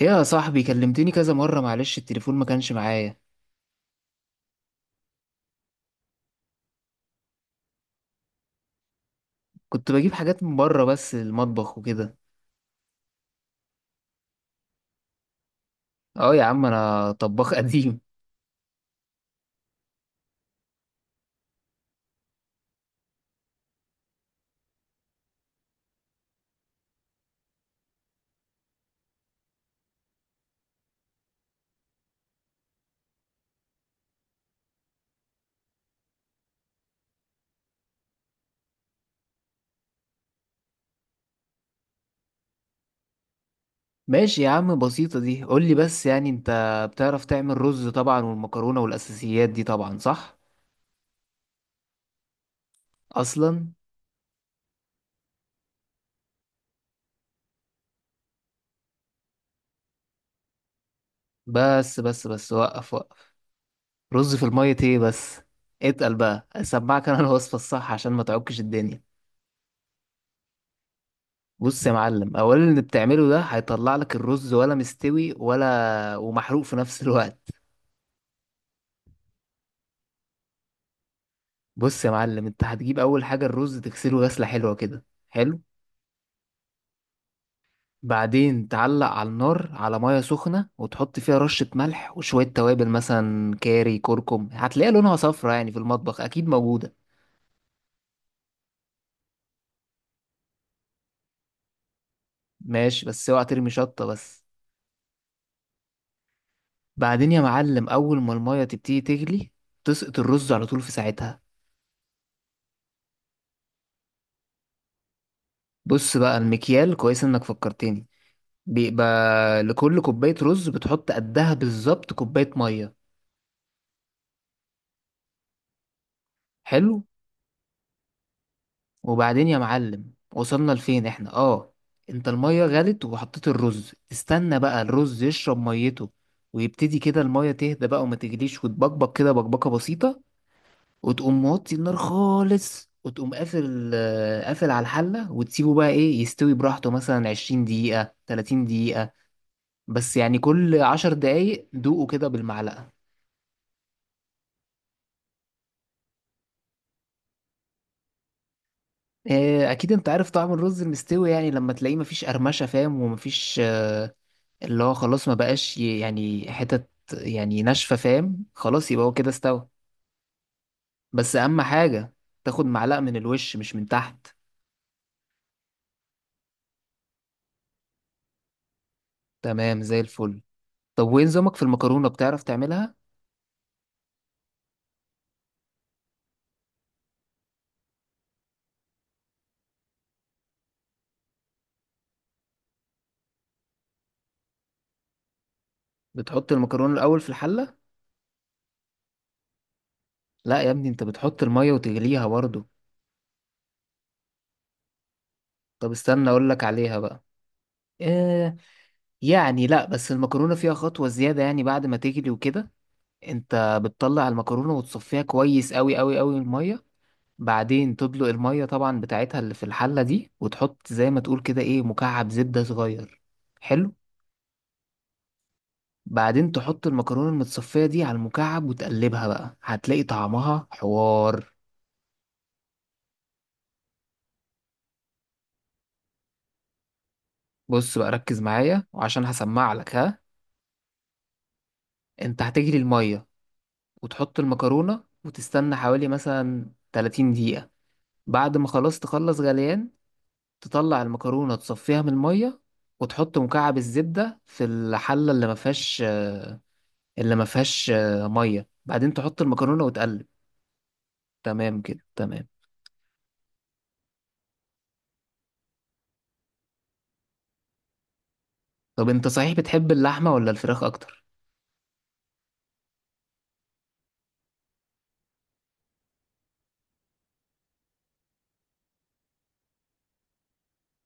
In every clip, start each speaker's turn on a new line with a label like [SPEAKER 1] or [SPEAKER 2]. [SPEAKER 1] ايه يا صاحبي، كلمتني كذا مرة. معلش التليفون ما كانش معايا. كنت بجيب حاجات من بره بس للمطبخ وكده. اه يا عم، انا طباخ قديم. ماشي يا عم، بسيطة دي. قولي بس، يعني انت بتعرف تعمل رز طبعا والمكرونة والاساسيات دي طبعا، صح؟ اصلا. بس بس بس، وقف وقف! رز في المية ايه بس؟ اتقل بقى اسمعك انا الوصفة الصح عشان ما تعكش الدنيا. بص يا معلم، اولا اللي بتعمله ده هيطلع لك الرز ولا مستوي، ولا ومحروق في نفس الوقت. بص يا معلم، انت هتجيب اول حاجه الرز تغسله غسله حلوه كده. حلو. بعدين تعلق على النار على ميه سخنه، وتحط فيها رشه ملح وشويه توابل، مثلا كاري، كركم، هتلاقيها لونها صفرا، يعني في المطبخ اكيد موجوده. ماشي، بس اوعى ترمي شطه بس. بعدين يا معلم، اول ما الميه تبتدي تغلي، تسقط الرز على طول في ساعتها. بص بقى المكيال كويس انك فكرتني. بيبقى لكل كوبايه رز بتحط قدها بالظبط كوبايه ميه. حلو. وبعدين يا معلم، وصلنا لفين احنا؟ اه، انت المية غلت وحطيت الرز، استنى بقى الرز يشرب ميته، ويبتدي كده المية تهدى بقى وما تجليش وتبقبق كده بقبقة بسيطة. وتقوم موطي النار خالص، وتقوم قافل قافل على الحلة، وتسيبه بقى ايه يستوي براحته، مثلا 20 دقيقة 30 دقيقة. بس يعني كل 10 دقايق دوقه كده بالمعلقة. اكيد انت عارف طعم الرز المستوي، يعني لما تلاقيه مفيش قرمشة فاهم، ومفيش اللي هو خلاص ما بقاش يعني حتت يعني ناشفة فاهم، خلاص يبقى هو كده استوى. بس أهم حاجة تاخد معلقة من الوش مش من تحت. تمام زي الفل. طب وين نظامك في المكرونة، بتعرف تعملها؟ بتحط المكرونة الأول في الحلة؟ لا يا ابني، انت بتحط المية وتغليها برضه. طب استنى أقولك عليها بقى. إيه يعني؟ لا بس المكرونة فيها خطوة زيادة، يعني بعد ما تغلي وكده انت بتطلع المكرونة وتصفيها كويس أوي أوي أوي من المية. بعدين تطلق المية طبعا بتاعتها اللي في الحلة دي، وتحط زي ما تقول كده ايه مكعب زبدة صغير. حلو. بعدين تحط المكرونة المتصفية دي على المكعب وتقلبها بقى، هتلاقي طعمها حوار. بص بقى ركز معايا وعشان هسمع لك ها. انت هتجري المية وتحط المكرونة وتستنى حوالي مثلا 30 دقيقة، بعد ما خلاص تخلص غليان تطلع المكرونة تصفيها من المية، وتحط مكعب الزبدة في الحلة اللي ما فيهاش ميه، بعدين تحط المكرونه وتقلب. تمام كده تمام. طب انت صحيح بتحب اللحمه ولا الفراخ اكتر؟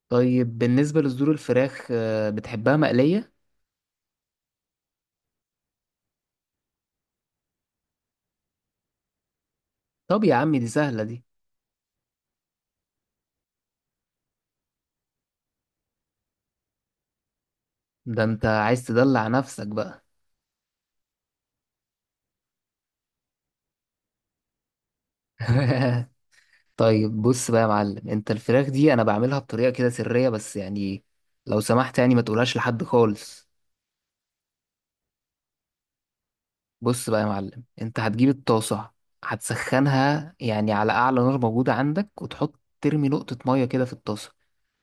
[SPEAKER 1] طيب بالنسبه لصدور الفراخ بتحبها مقليه؟ طب يا عمي دي سهله دي. ده انت عايز تدلع نفسك بقى. طيب بص بقى يا معلم، انت الفراخ دي انا بعملها بطريقه كده سريه، بس يعني لو سمحت يعني ما تقولهاش لحد خالص. بص بقى يا معلم، انت هتجيب الطاسة، هتسخنها يعني على أعلى نار موجودة عندك، وتحط ترمي نقطة مية كده في الطاسة.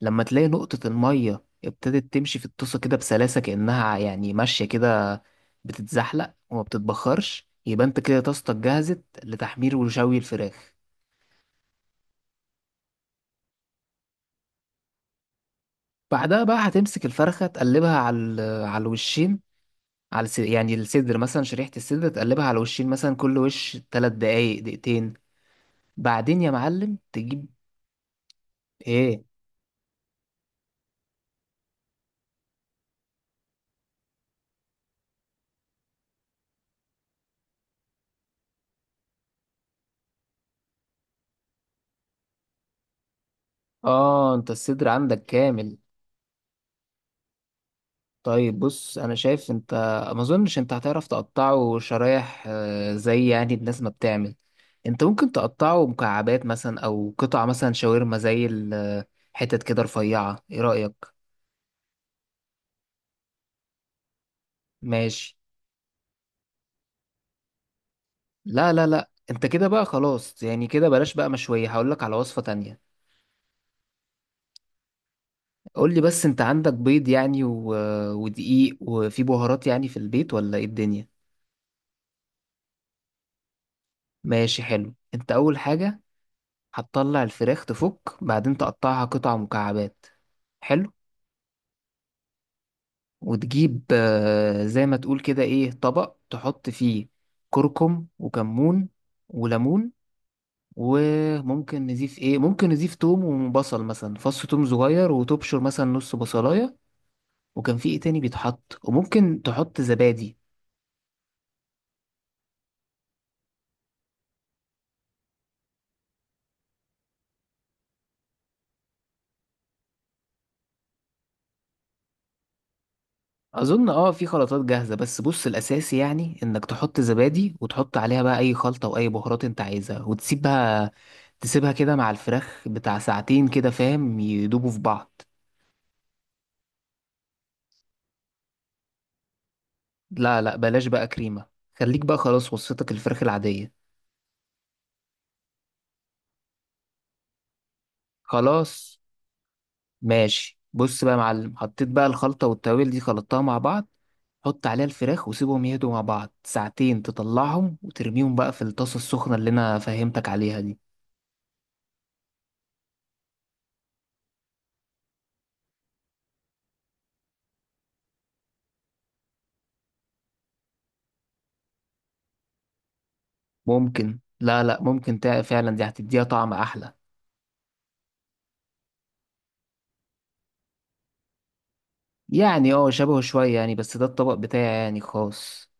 [SPEAKER 1] لما تلاقي نقطة المية ابتدت تمشي في الطاسة كده بسلاسة، كأنها يعني ماشية كده بتتزحلق وما بتتبخرش، يبقى انت كده طاستك جهزت لتحمير وشوي الفراخ. بعدها بقى هتمسك الفرخة تقلبها على على الوشين، على يعني الصدر، مثلا شريحة الصدر تقلبها على الوشين، مثلا كل وش 3 دقايق دقيقتين. بعدين يا معلم تجيب ايه. اه، انت الصدر عندك كامل. طيب بص انا شايف انت ما اظنش انت هتعرف تقطعه شرايح زي يعني الناس ما بتعمل. انت ممكن تقطعه مكعبات مثلا، او قطع مثلا شاورما، زي الحتت كده رفيعة، ايه رأيك؟ ماشي. لا لا لا، انت كده بقى خلاص، يعني كده بلاش بقى مشوية، هقولك على وصفة تانية. قولي بس، انت عندك بيض يعني ودقيق وفي بهارات يعني في البيت ولا ايه الدنيا؟ ماشي حلو. انت اول حاجة هتطلع الفراخ تفك بعدين تقطعها قطع مكعبات. حلو. وتجيب زي ما تقول كده ايه طبق تحط فيه كركم وكمون وليمون، وممكن نضيف ايه، ممكن نضيف توم وبصل، مثلا فص توم صغير وتبشر مثلا نص بصلاية. وكان في ايه تاني بيتحط، وممكن تحط زبادي. اظن اه في خلطات جاهزه، بس بص الاساسي يعني انك تحط زبادي وتحط عليها بقى اي خلطه واي بهارات انت عايزها، وتسيبها كده مع الفراخ بتاع ساعتين كده فاهم، يدوبوا في بعض. لا لا بلاش بقى كريمه، خليك بقى خلاص وصفتك الفراخ العاديه. خلاص ماشي، بص بقى يا معلم، حطيت بقى الخلطه والتوابل دي خلطتها مع بعض، حط عليها الفراخ وسيبهم يهدوا مع بعض ساعتين، تطلعهم وترميهم بقى في الطاسه السخنه اللي انا فهمتك عليها دي. ممكن، لا لا، ممكن فعلا دي هتديها طعم احلى. يعني اه شبهه شوية يعني، بس ده الطبق بتاعي يعني خاص.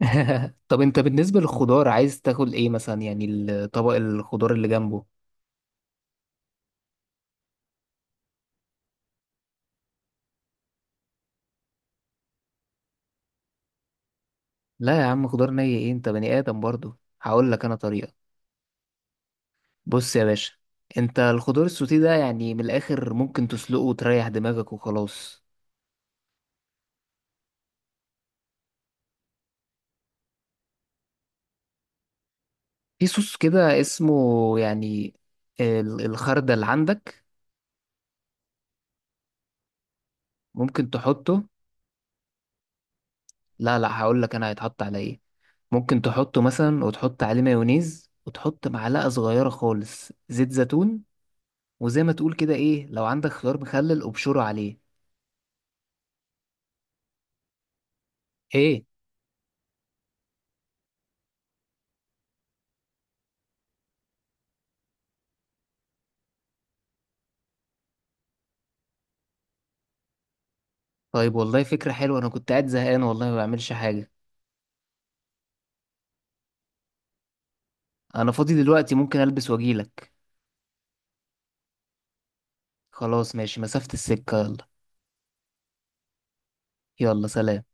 [SPEAKER 1] طب انت بالنسبة للخضار عايز تاكل ايه مثلا يعني، الطبق الخضار اللي جنبه؟ لا يا عم، خضار ني ايه! انت بني ادم برضو، هقول لك انا طريقة. بص يا باشا، انت الخضار السوتيه ده يعني من الاخر ممكن تسلقه وتريح دماغك وخلاص. في صوص كده اسمه يعني الخردل، عندك؟ ممكن تحطه. لا لا، هقول لك انا هيتحط على ايه. ممكن تحطه مثلا وتحط عليه مايونيز، وتحط معلقة صغيرة خالص زيت زيتون، وزي ما تقول كده ايه لو عندك خيار مخلل ابشره عليه. ايه. طيب والله فكرة حلوة، انا كنت قاعد زهقان والله ما بعملش حاجة. انا فاضي دلوقتي، ممكن البس واجيلك. خلاص ماشي، مسافة السكة، يلا. يلا سلام.